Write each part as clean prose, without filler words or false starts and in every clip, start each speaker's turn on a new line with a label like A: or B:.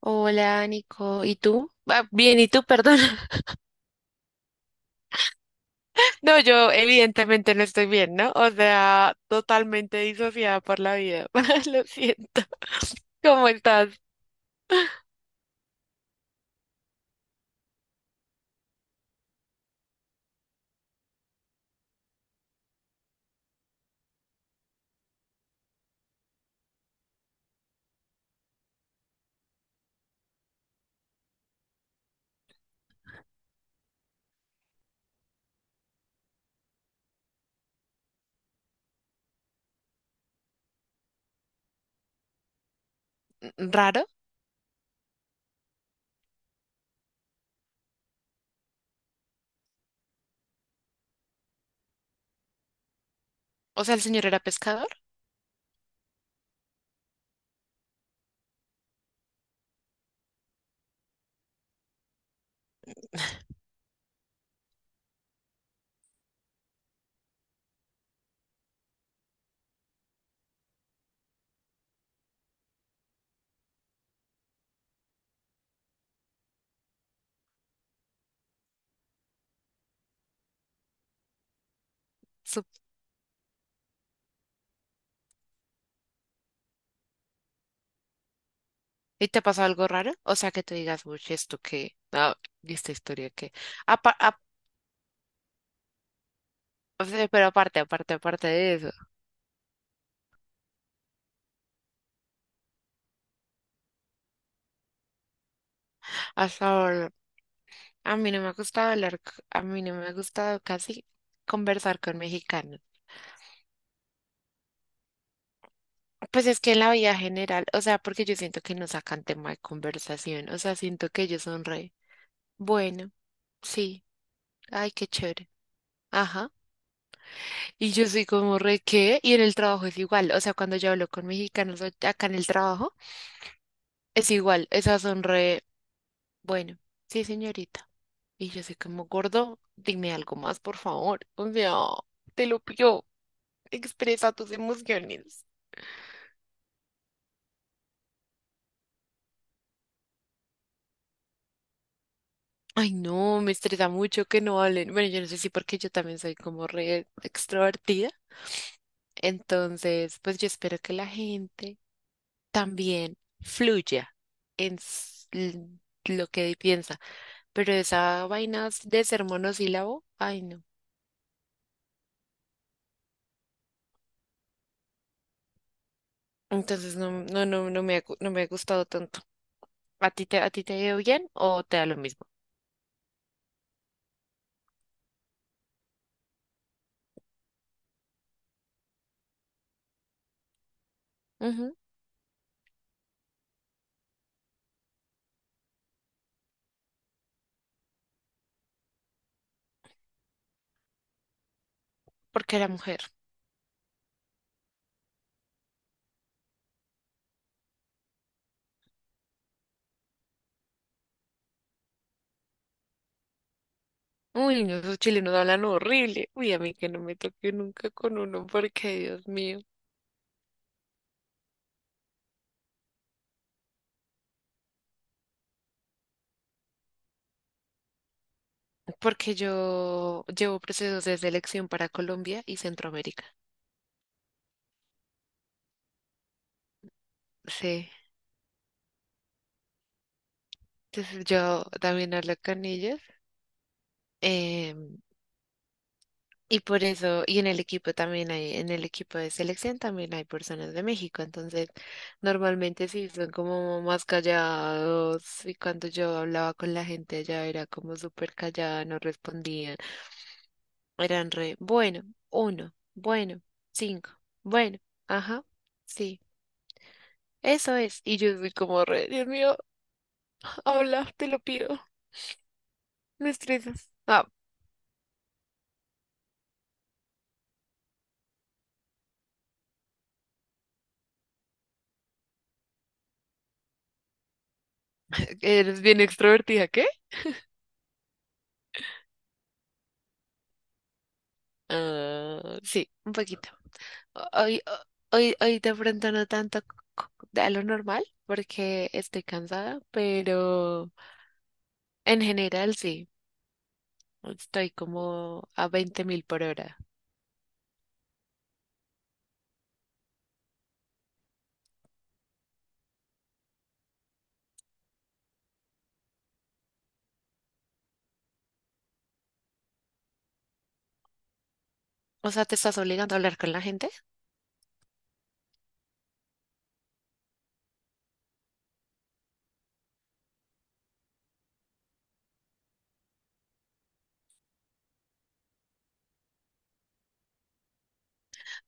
A: Hola, Nico. ¿Y tú? Ah, bien, ¿y tú? Perdón. No, yo evidentemente no estoy bien, ¿no? O sea, totalmente disociada por la vida. Lo siento. ¿Cómo estás? ¿Raro? O sea, el señor era pescador. Sup- ¿Y te pasó algo raro? O sea, que te digas, uy, ¿esto qué? Ah, ¿y esta historia qué? Apa- ap- o sea, pero aparte, aparte, aparte de eso. Hasta ahora, a mí no me ha gustado hablar, a mí no me ha gustado casi conversar con mexicanos. Pues es que en la vida general, o sea, porque yo siento que no sacan tema de conversación, o sea, siento que ellos son re, bueno, sí, ay, qué chévere, ajá. Y yo soy como re, ¿qué? Y en el trabajo es igual, o sea, cuando yo hablo con mexicanos acá en el trabajo, es igual, esas son re, bueno, sí, señorita. Y yo soy como gordo, dime algo más, por favor, o sea, te lo pido, expresa tus emociones. Ay, no, me estresa mucho que no hablen. Bueno, yo no sé si porque yo también soy como re extrovertida. Entonces, pues yo espero que la gente también fluya en lo que piensa. Pero esa vaina de ser monosílabo, ay, no. Entonces, no, no, no, no me ha, no me ha gustado tanto. ¿A ti te ha ido bien o te da lo mismo? Ujú, porque era mujer. Uy, no, esos chilenos hablan horrible. Uy, a mí que no me toque nunca con uno, porque Dios mío. Porque yo llevo procesos de selección para Colombia y Centroamérica. Sí, entonces yo también hablo con ellos. Em, y por eso, y en el equipo también hay, en el equipo de selección también hay personas de México, entonces normalmente sí son como más callados y cuando yo hablaba con la gente allá era como súper callada, no respondían, eran re, bueno, uno, bueno, cinco, bueno, ajá, sí, eso es, y yo soy como re, Dios mío. Habla, te lo pido. Me estresas. Ah, eres bien extrovertida, ¿qué? Ah, sí, un poquito. Hoy, hoy, hoy de pronto no tanto a lo normal porque estoy cansada, pero en general sí. Estoy como a 20.000 por hora. O sea, ¿te estás obligando a hablar con la gente?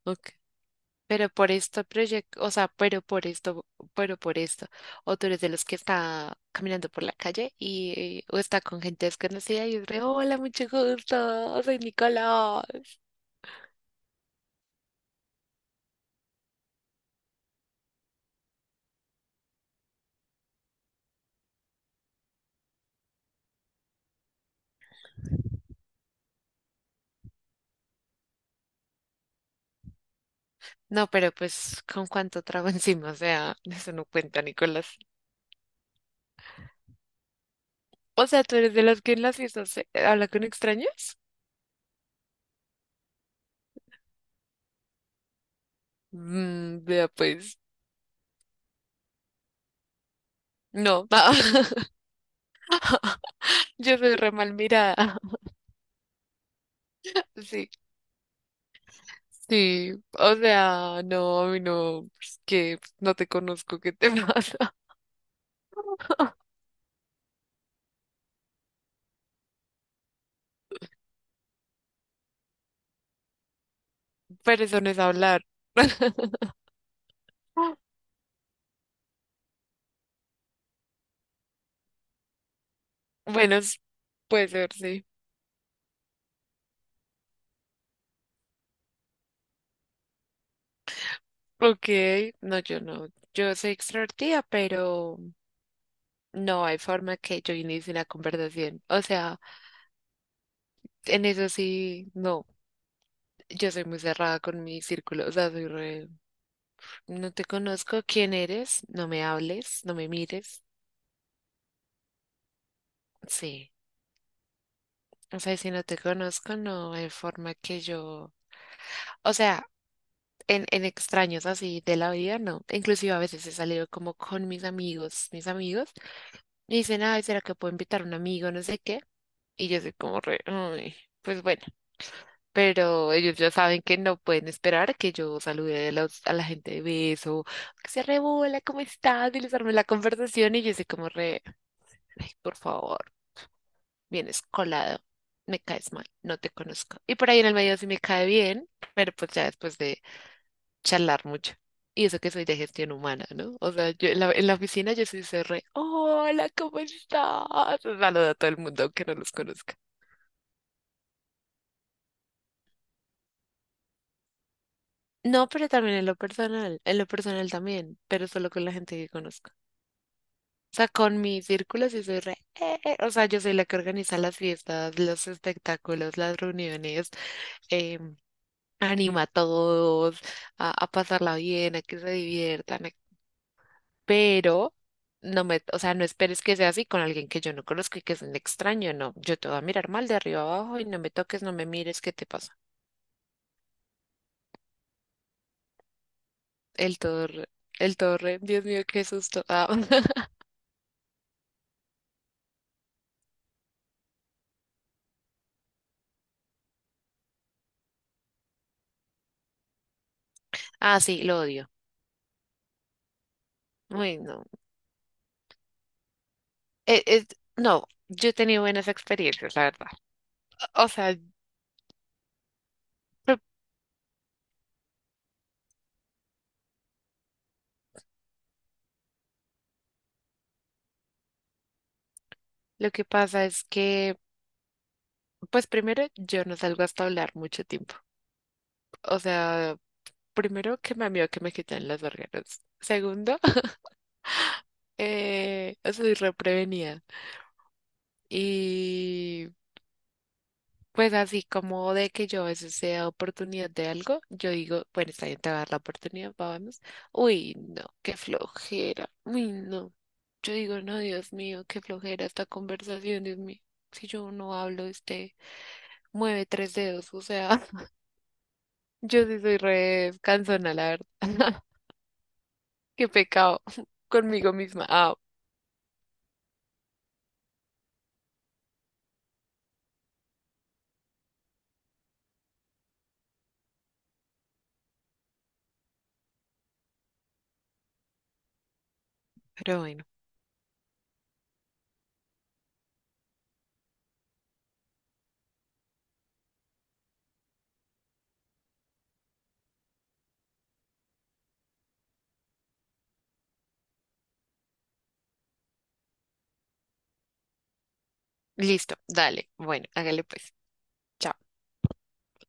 A: Ok. Pero por este proyecto, o sea, pero por esto, o tú eres de los que está caminando por la calle y o está con gente desconocida y es re, hola, mucho gusto, soy Nicolás. No, pero pues, ¿con cuánto trago encima? O sea, eso no cuenta, Nicolás. O sea, ¿tú eres de los que en las fiestas habla con extraños? Mm, vea, pues, no, yo soy re mal mirada. Sí. Sí, o sea, no, a mí no, pues, que pues, no te conozco, ¿qué te pasa? Pero eso no es hablar. Bueno, puede ser, sí. Ok, no, yo no. Yo soy extrovertida, pero no hay forma que yo inicie una conversación. O sea, en eso sí, no. Yo soy muy cerrada con mi círculo. O sea, soy re... No te conozco, ¿quién eres? No me hables, no me mires. Sí. O sea, si no te conozco, no hay forma que yo... O sea, en extraños así de la vida, no. Inclusive a veces he salido como con mis amigos, y dicen, ay, ¿será que puedo invitar a un amigo? No sé qué. Y yo soy como re, "Ay, pues bueno". Pero ellos ya saben que no pueden esperar que yo salude a, a la gente de beso, que se rebola, ¿cómo estás? Y les arme la conversación y yo soy como re, ay, por favor, vienes colado, me caes mal, no te conozco. Y por ahí en el medio sí me cae bien, pero pues ya después de charlar mucho. Y eso que soy de gestión humana, ¿no? O sea, yo en la oficina yo sí soy re, hola, ¿cómo estás? Saludo a todo el mundo, aunque no los conozca. No, pero también en lo personal también, pero solo con la gente que conozco. O sea, con mi círculo sí soy re, eh", o sea, yo soy la que organiza las fiestas, los espectáculos, las reuniones, em, anima a todos a pasarla bien, a que se diviertan, a, pero no me, o sea, no esperes que sea así con alguien que yo no conozco y que es un extraño, no, yo te voy a mirar mal de arriba abajo y no me toques, no me mires, ¿qué te pasa? El torre, el torre, Dios mío, qué susto. Ah, ah, sí, lo odio. Uy, no. Eh, eh, no, yo he tenido buenas experiencias, la verdad. O sea, lo lo que pasa es que, pues primero, yo no salgo hasta hablar mucho tiempo. O sea, primero que me amigo que me quitan las vergueras. Segundo, soy reprevenida. Y pues así como de que yo a veces he dado oportunidad de algo, yo digo, bueno, está bien, te va a dar la oportunidad, vamos. Uy, no, qué flojera. Uy, no. Yo digo, no, Dios mío, qué flojera esta conversación, Dios mío. Si yo no hablo, este mueve tres dedos, o sea, yo sí soy re cansona, la verdad. Qué pecado conmigo misma. Ah, pero bueno, listo, dale. Bueno, hágale pues. Chao.